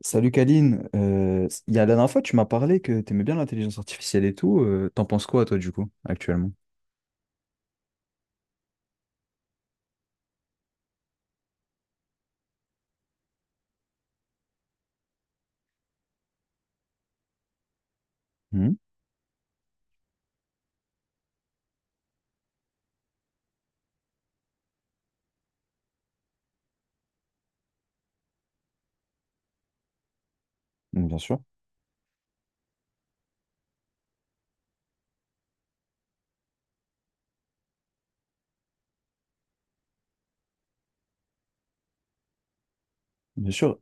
Salut Kaline. Il y a La dernière fois tu m'as parlé que t'aimais bien l'intelligence artificielle et tout. T'en penses quoi toi du coup actuellement? Mhm. Donc, bien sûr, bien sûr,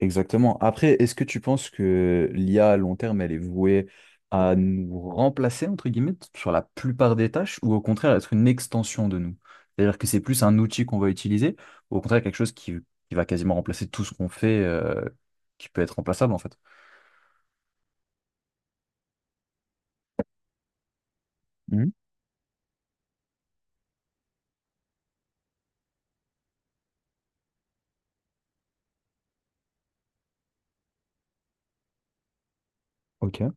exactement. Après, est-ce que tu penses que l'IA à long terme elle est vouée à nous remplacer entre guillemets sur la plupart des tâches ou au contraire être une extension de nous? C'est-à-dire que c'est plus un outil qu'on va utiliser ou au contraire quelque chose qui va quasiment remplacer tout ce qu'on fait, qui peut être remplaçable en fait? Mhm. Ok.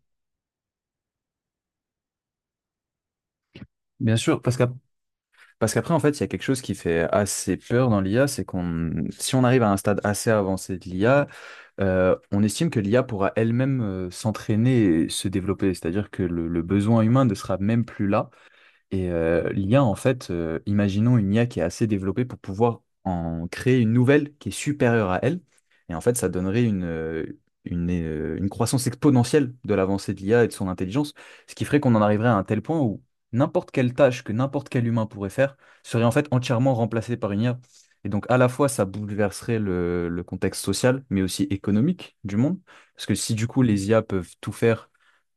Bien sûr. Parce que Parce qu'après, en fait, il y a quelque chose qui fait assez peur dans l'IA. Si on arrive à un stade assez avancé de l'IA, on estime que l'IA pourra elle-même s'entraîner et se développer. C'est-à-dire que le besoin humain ne sera même plus là. Et l'IA, en fait, imaginons une IA qui est assez développée pour pouvoir en créer une nouvelle qui est supérieure à elle. Et en fait, ça donnerait une croissance exponentielle de l'avancée de l'IA et de son intelligence, ce qui ferait qu'on en arriverait à un tel point où n'importe quelle tâche que n'importe quel humain pourrait faire serait en fait entièrement remplacée par une IA. Et donc, à la fois, ça bouleverserait le contexte social, mais aussi économique du monde. Parce que si du coup, les IA peuvent tout faire,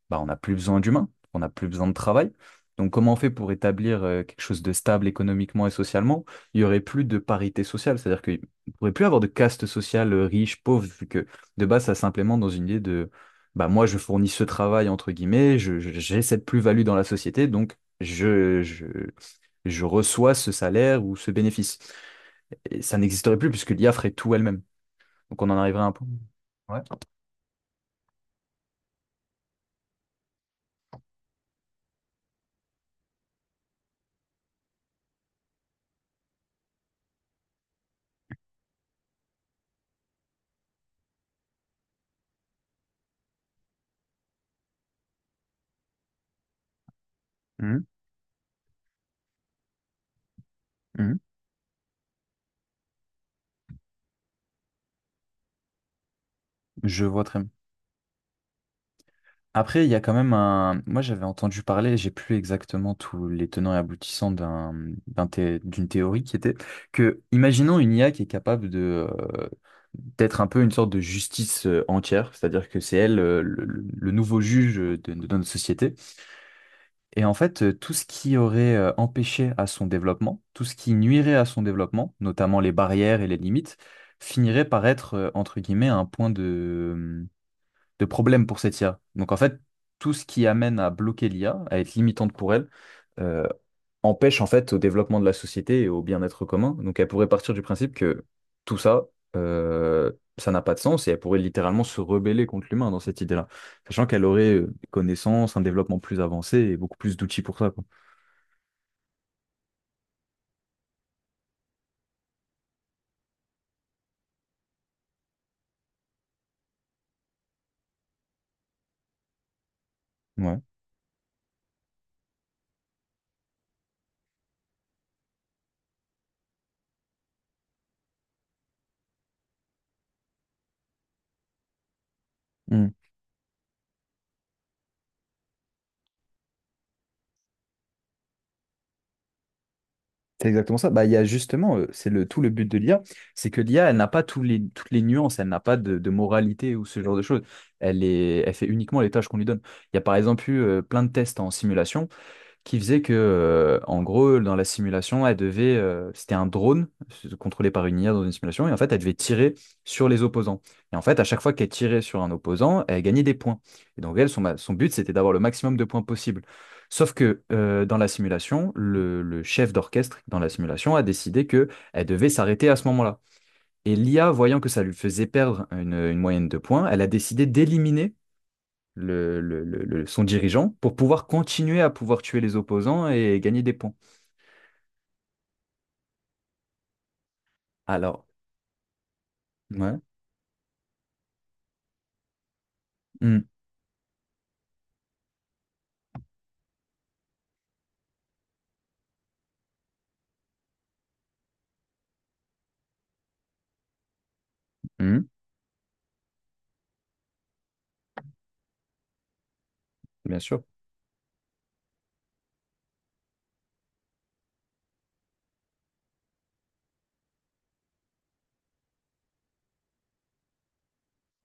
bah, on n'a plus besoin d'humains, on n'a plus besoin de travail. Donc comment on fait pour établir quelque chose de stable économiquement et socialement? Il n'y aurait plus de parité sociale, c'est-à-dire qu'il ne pourrait plus avoir de caste sociale, riche, pauvre, vu que de base, ça simplement dans une idée de, bah, moi, je fournis ce travail, entre guillemets, j'ai cette plus-value dans la société, donc je reçois ce salaire ou ce bénéfice. Et ça n'existerait plus puisque l'IA ferait tout elle-même. Donc on en arriverait à un point. Ouais. Mhm, mhm. Je vois très bien. Après, il y a quand même un. Moi, j'avais entendu parler, j'ai plus exactement tous les tenants et aboutissants d'une théorie qui était que, imaginons une IA qui est capable de, d'être un peu une sorte de justice, entière, c'est-à-dire que c'est elle, le nouveau juge, de notre société. Et en fait, tout ce qui aurait empêché à son développement, tout ce qui nuirait à son développement, notamment les barrières et les limites, finirait par être, entre guillemets, un point de problèmes pour cette IA. Donc en fait, tout ce qui amène à bloquer l'IA, à être limitante pour elle, euh, empêche en fait au développement de la société et au bien-être commun. Donc elle pourrait partir du principe que tout ça, euh, ça n'a pas de sens et elle pourrait littéralement se rebeller contre l'humain dans cette idée-là, sachant qu'elle aurait des connaissances, un développement plus avancé et beaucoup plus d'outils pour ça, quoi. Ouais. C'est exactement ça. Bah, il y a justement, c'est le tout le but de l'IA, c'est que l'IA, elle n'a pas toutes les nuances, elle n'a pas de moralité ou ce genre de choses. Elle fait uniquement les tâches qu'on lui donne. Il y a par exemple eu plein de tests en simulation qui faisait que, en gros, dans la simulation, elle devait, c'était un drone contrôlé par une IA dans une simulation, et en fait, elle devait tirer sur les opposants. Et en fait, à chaque fois qu'elle tirait sur un opposant, elle gagnait des points. Et donc, son but, c'était d'avoir le maximum de points possible. Sauf que dans la simulation, le chef d'orchestre dans la simulation a décidé que elle devait s'arrêter à ce moment-là. Et l'IA, voyant que ça lui faisait perdre une moyenne de points, elle a décidé d'éliminer son dirigeant pour pouvoir continuer à pouvoir tuer les opposants et gagner des points. Alors, ouais, hmm, hmm, bien sûr.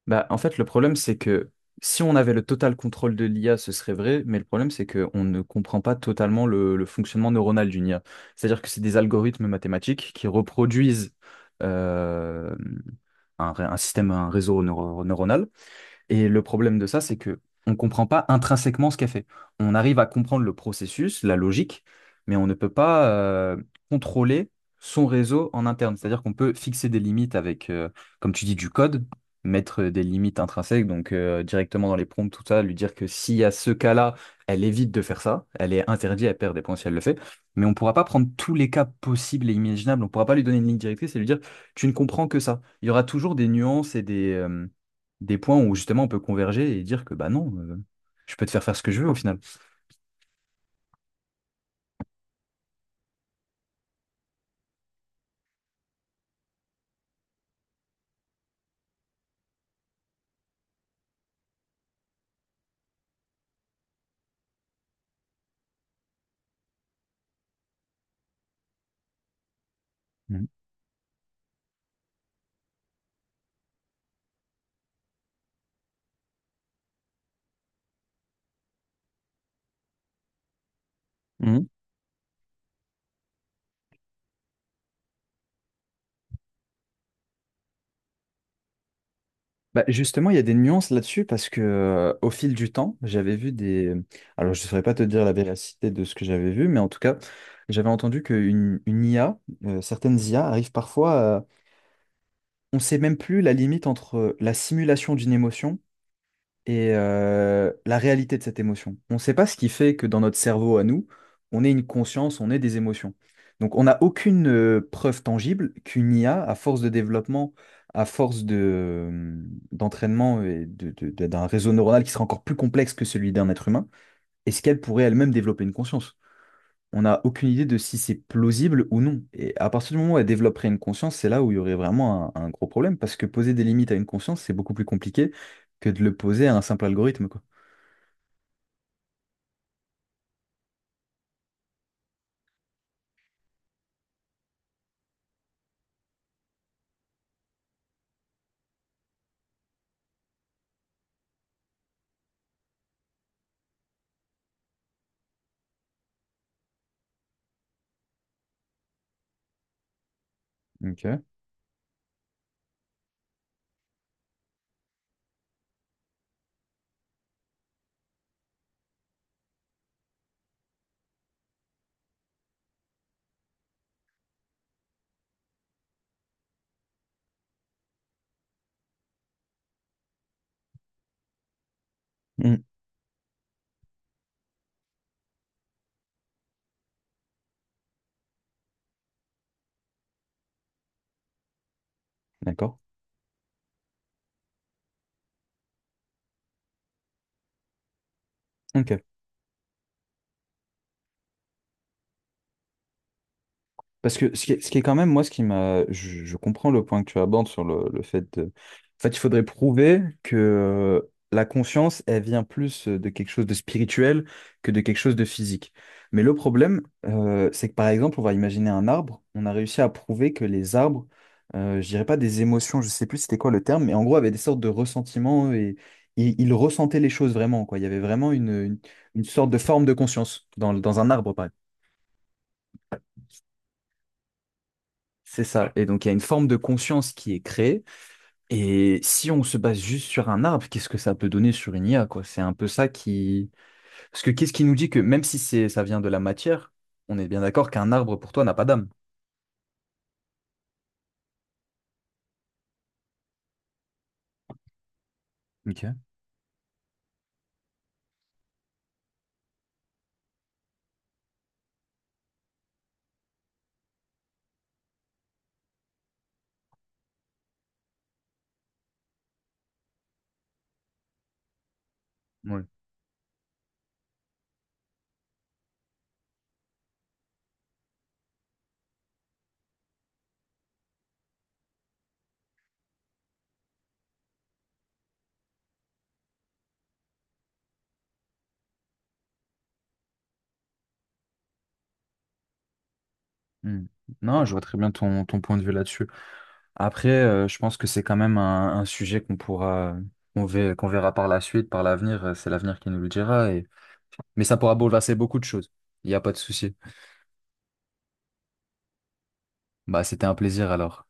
Bah, en fait, le problème, c'est que si on avait le total contrôle de l'IA, ce serait vrai, mais le problème, c'est qu'on ne comprend pas totalement le fonctionnement neuronal d'une IA. C'est-à-dire que c'est des algorithmes mathématiques qui reproduisent, euh, un système, un réseau neuronal. Et le problème de ça, c'est que on ne comprend pas intrinsèquement ce qu'elle fait. On arrive à comprendre le processus, la logique, mais on ne peut pas contrôler son réseau en interne. C'est-à-dire qu'on peut fixer des limites avec, comme tu dis, du code, mettre des limites intrinsèques, donc directement dans les prompts, tout ça, lui dire que s'il y a ce cas-là, elle évite de faire ça, elle est interdite, elle perd des points si elle le fait, mais on ne pourra pas prendre tous les cas possibles et imaginables, on ne pourra pas lui donner une ligne directrice et lui dire, tu ne comprends que ça. Il y aura toujours des nuances et des points où justement on peut converger et dire que bah non, je peux te faire faire ce que je veux au final. Mhm. Mhm. Bah, justement, il y a des nuances là-dessus parce que au fil du temps, j'avais vu des. Alors, je ne saurais pas te dire la véracité de ce que j'avais vu, mais en tout cas, j'avais entendu qu'une une IA, certaines IA arrivent parfois à- On ne sait même plus la limite entre la simulation d'une émotion et la réalité de cette émotion. On ne sait pas ce qui fait que dans notre cerveau à nous, on ait une conscience, on ait des émotions. Donc on n'a aucune preuve tangible qu'une IA, à force de développement, à force de, euh, d'entraînement et d'un réseau neuronal qui sera encore plus complexe que celui d'un être humain, est-ce qu'elle pourrait elle-même développer une conscience? On n'a aucune idée de si c'est plausible ou non. Et à partir du moment où elle développerait une conscience, c'est là où il y aurait vraiment un gros problème, parce que poser des limites à une conscience, c'est beaucoup plus compliqué que de le poser à un simple algorithme, quoi. Ok. Mm. D'accord. Ok. Parce que ce qui est quand même, moi, ce qui m'a. Je comprends le point que tu abordes sur le fait de. En fait, il faudrait prouver que la conscience, elle vient plus de quelque chose de spirituel que de quelque chose de physique. Mais le problème, c'est que par exemple, on va imaginer un arbre. On a réussi à prouver que les arbres, je dirais pas des émotions, je sais plus c'était quoi le terme, mais en gros, avaient des sortes de ressentiments et ils ressentaient les choses vraiment, quoi. Il y avait vraiment une sorte de forme de conscience dans un arbre, par exemple. C'est ça. Et donc, il y a une forme de conscience qui est créée. Et si on se base juste sur un arbre, qu'est-ce que ça peut donner sur une IA, quoi? C'est un peu ça qui... Parce que qu'est-ce qui nous dit que même si ça vient de la matière, on est bien d'accord qu'un arbre, pour toi, n'a pas d'âme. Ok. Ouais. Hmm. Non, je vois très bien ton point de vue là-dessus. Après, je pense que c'est quand même un sujet qu'on pourra, qu'on verra par la suite, par l'avenir. C'est l'avenir qui nous le dira. Et... Mais ça pourra bouleverser beaucoup de choses. Il n'y a pas de souci. Bah, c'était un plaisir alors.